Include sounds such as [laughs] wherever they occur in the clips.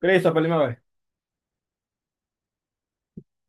Christopher, dime a ver.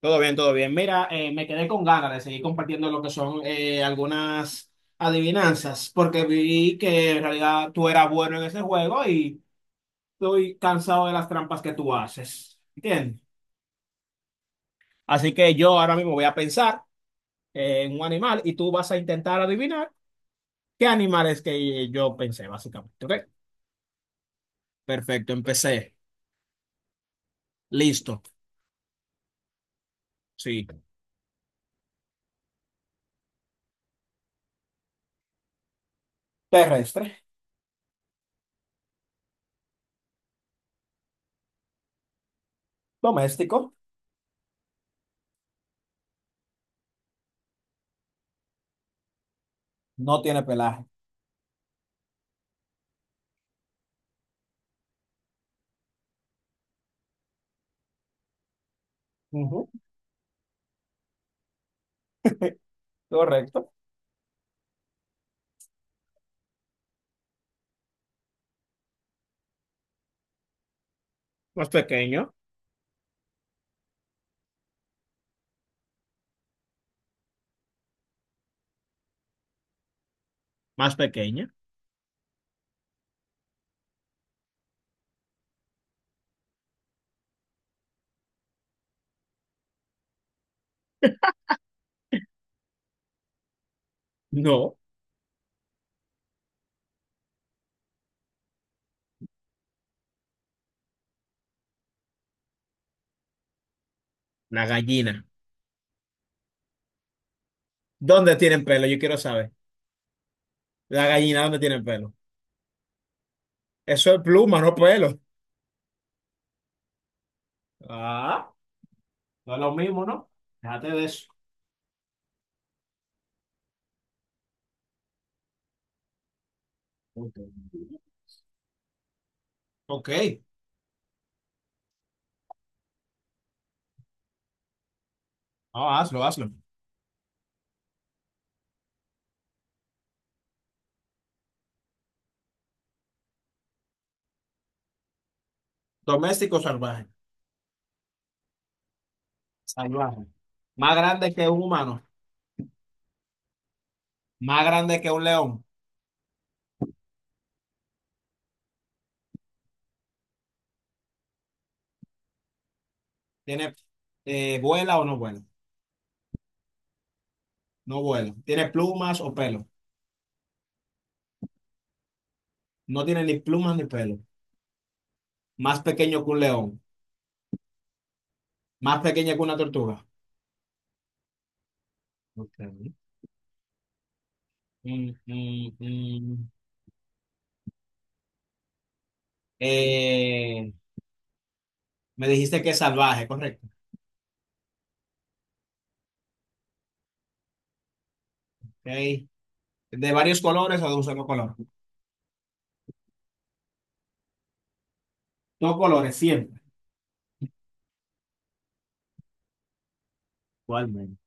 Todo bien, todo bien. Mira, me quedé con ganas de seguir compartiendo lo que son algunas adivinanzas, porque vi que en realidad tú eras bueno en ese juego y estoy cansado de las trampas que tú haces. ¿Entiendes? Así que yo ahora mismo voy a pensar en un animal y tú vas a intentar adivinar qué animal es que yo pensé, básicamente. ¿Ok? Perfecto, empecé. Listo. Sí. Terrestre, doméstico, no tiene pelaje. Ujú. Correcto. Más pequeño. Más pequeña. No, la gallina. ¿Dónde tienen pelo? Yo quiero saber. La gallina, ¿dónde tienen pelo? Eso es pluma, no pelo. Ah, no es lo mismo, ¿no? Déjate de eso. Ok. Ok. No, hazlo, hazlo. Doméstico salvaje. Salvaje. Más grande que un humano. Más grande que un león. ¿Tiene, vuela o no vuela? No vuela. ¿Tiene plumas o pelo? No tiene ni plumas ni pelo. Más pequeño que un león. Más pequeña que una tortuga. Ok. Mm, mm, mm. Eh, Me dijiste que es salvaje, correcto. Ok. De varios colores o de un solo color. Dos colores siempre. Igualmente.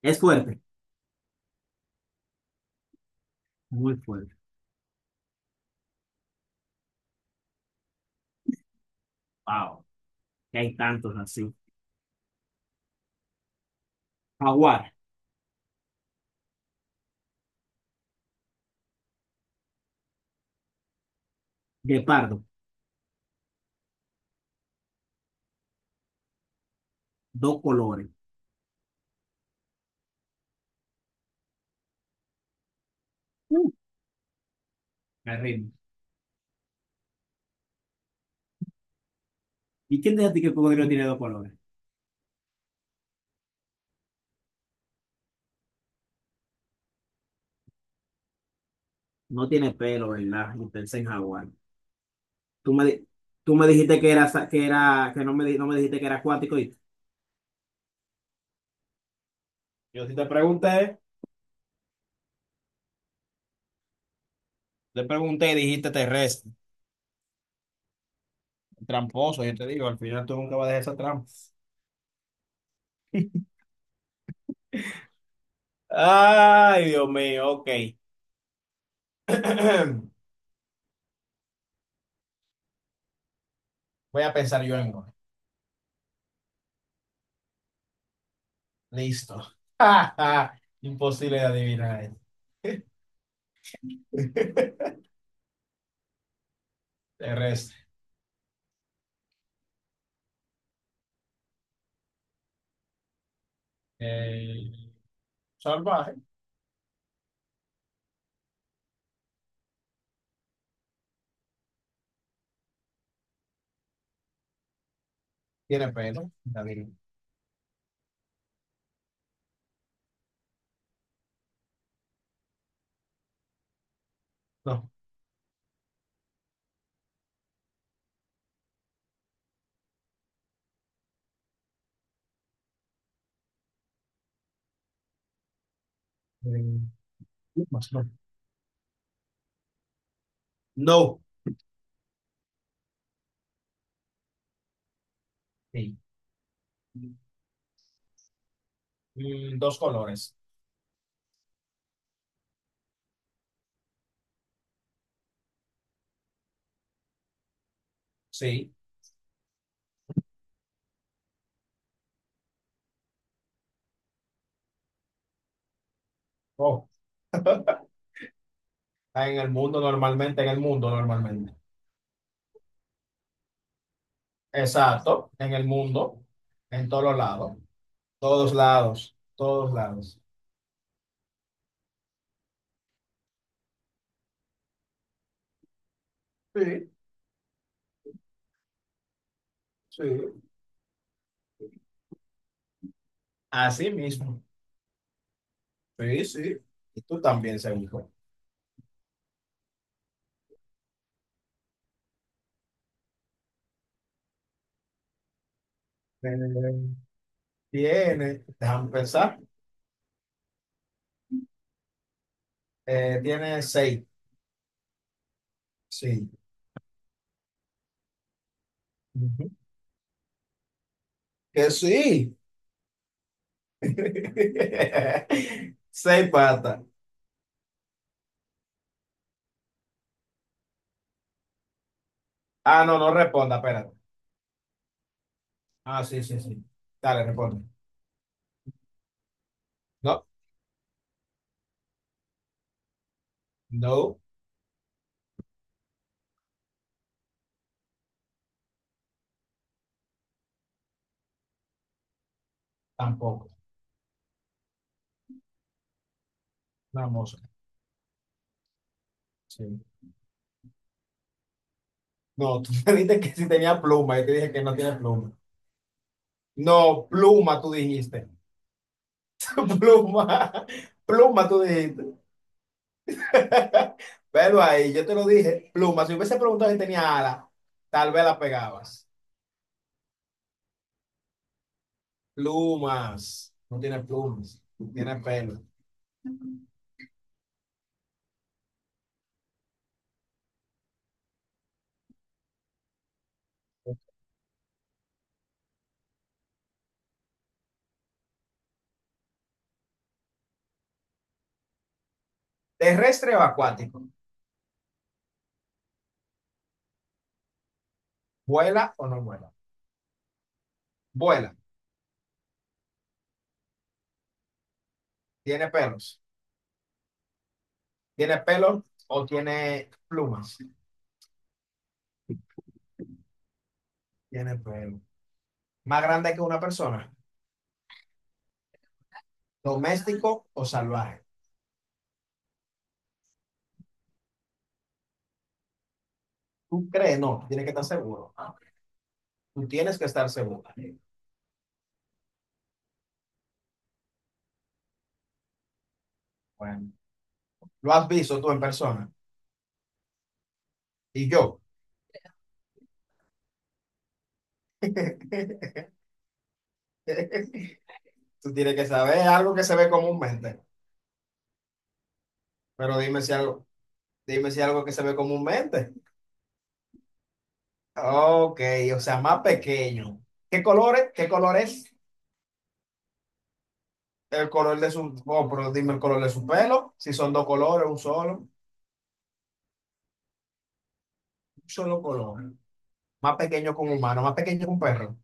Es fuerte. Muy fuerte. Wow. Que hay tantos así. Jaguar, guepardo, dos colores. Mm, Me rindo. ¿Y quién dice a ti que el cocodrilo tiene dos colores? No tiene pelo, ¿verdad? Y pensé en jaguar. Tú me, di- Tú me dijiste que era, que era, que no me, di- no me dijiste que era acuático. ¿Y? Yo sí te pregunté y dijiste terrestre, tramposo. Yo te digo, al final tú nunca vas a dejar esa trampa. Ay, Dios mío, ok. [clears throat] Voy a pensar yo en uno. Listo. [laughs] Imposible de adivinar esto. [laughs] Terrestre. Eh, salvaje. Tiene pelo. David. No. Eh, plumas, no. No. Sí. Dos colores. Sí. Oh. Está en el mundo normalmente, en el mundo normalmente. Exacto, en el mundo, en todos lados, todos lados, todos lados. Sí, sí. Así mismo. Sí, sí. Y tú también, seguro. Eh, tiene, déjame pensar, tiene seis. Sí. Ujú. Que sí. [laughs] Seis patas. Ah, no, no responda, espérate. Ah, sí, sí, sí. Dale, responde. No, no, tampoco. Una mosca. Sí. No, tú [laughs] me dijiste que sí tenía pluma. Yo te dije que no tiene pluma. No, pluma, tú dijiste. [laughs] Pluma. Pluma, tú dijiste. [laughs] Pero ahí, yo te lo dije, plumas. Si hubiese preguntado si tenía alas, tal vez la pegabas. Plumas. No tiene plumas, tiene pelo. Terrestre o acuático. ¿Vuela o no vuela? Vuela. Tiene pelos. ¿Tiene pelo o tiene plumas? Tiene pelo. Más grande que una persona. ¿Doméstico o salvaje? ¿Tú crees? No, tú tienes que estar seguro. Tú tienes que estar seguro. Bueno, lo has visto tú en persona. Y yo. [laughs] Tú tienes que saber algo que se ve comúnmente. Pero dime si algo que se ve comúnmente. Ok, o sea, más pequeño. ¿Qué colores? ¿Qué color es? El color de su, oh, pero dime el color de su pelo. Si son dos colores, un solo color. Más pequeño que un humano, más pequeño que un perro.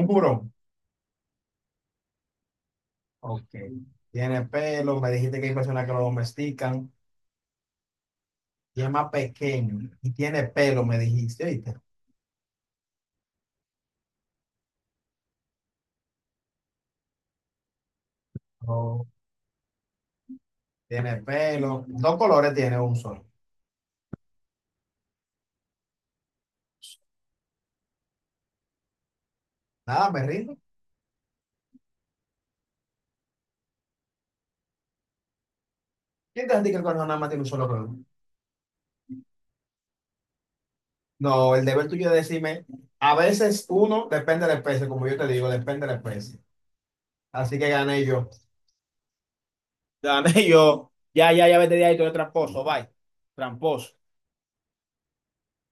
Un burón. Ok. Tiene pelo, me dijiste que hay personas que lo domestican. Y es más pequeño. Y tiene pelo, me dijiste, ¿oíste? Oh, tiene pelo. Dos colores tiene un solo. Nada, me rindo. ¿Quién te dice que el conejo nada más tiene un solo cuerno? No, el deber tuyo es decirme, a veces uno depende de la especie, como yo te digo, depende de la especie. Así que gané yo. Gané yo. Ya, ya, ya vete de ahí, tú eres tramposo, bye. Tramposo.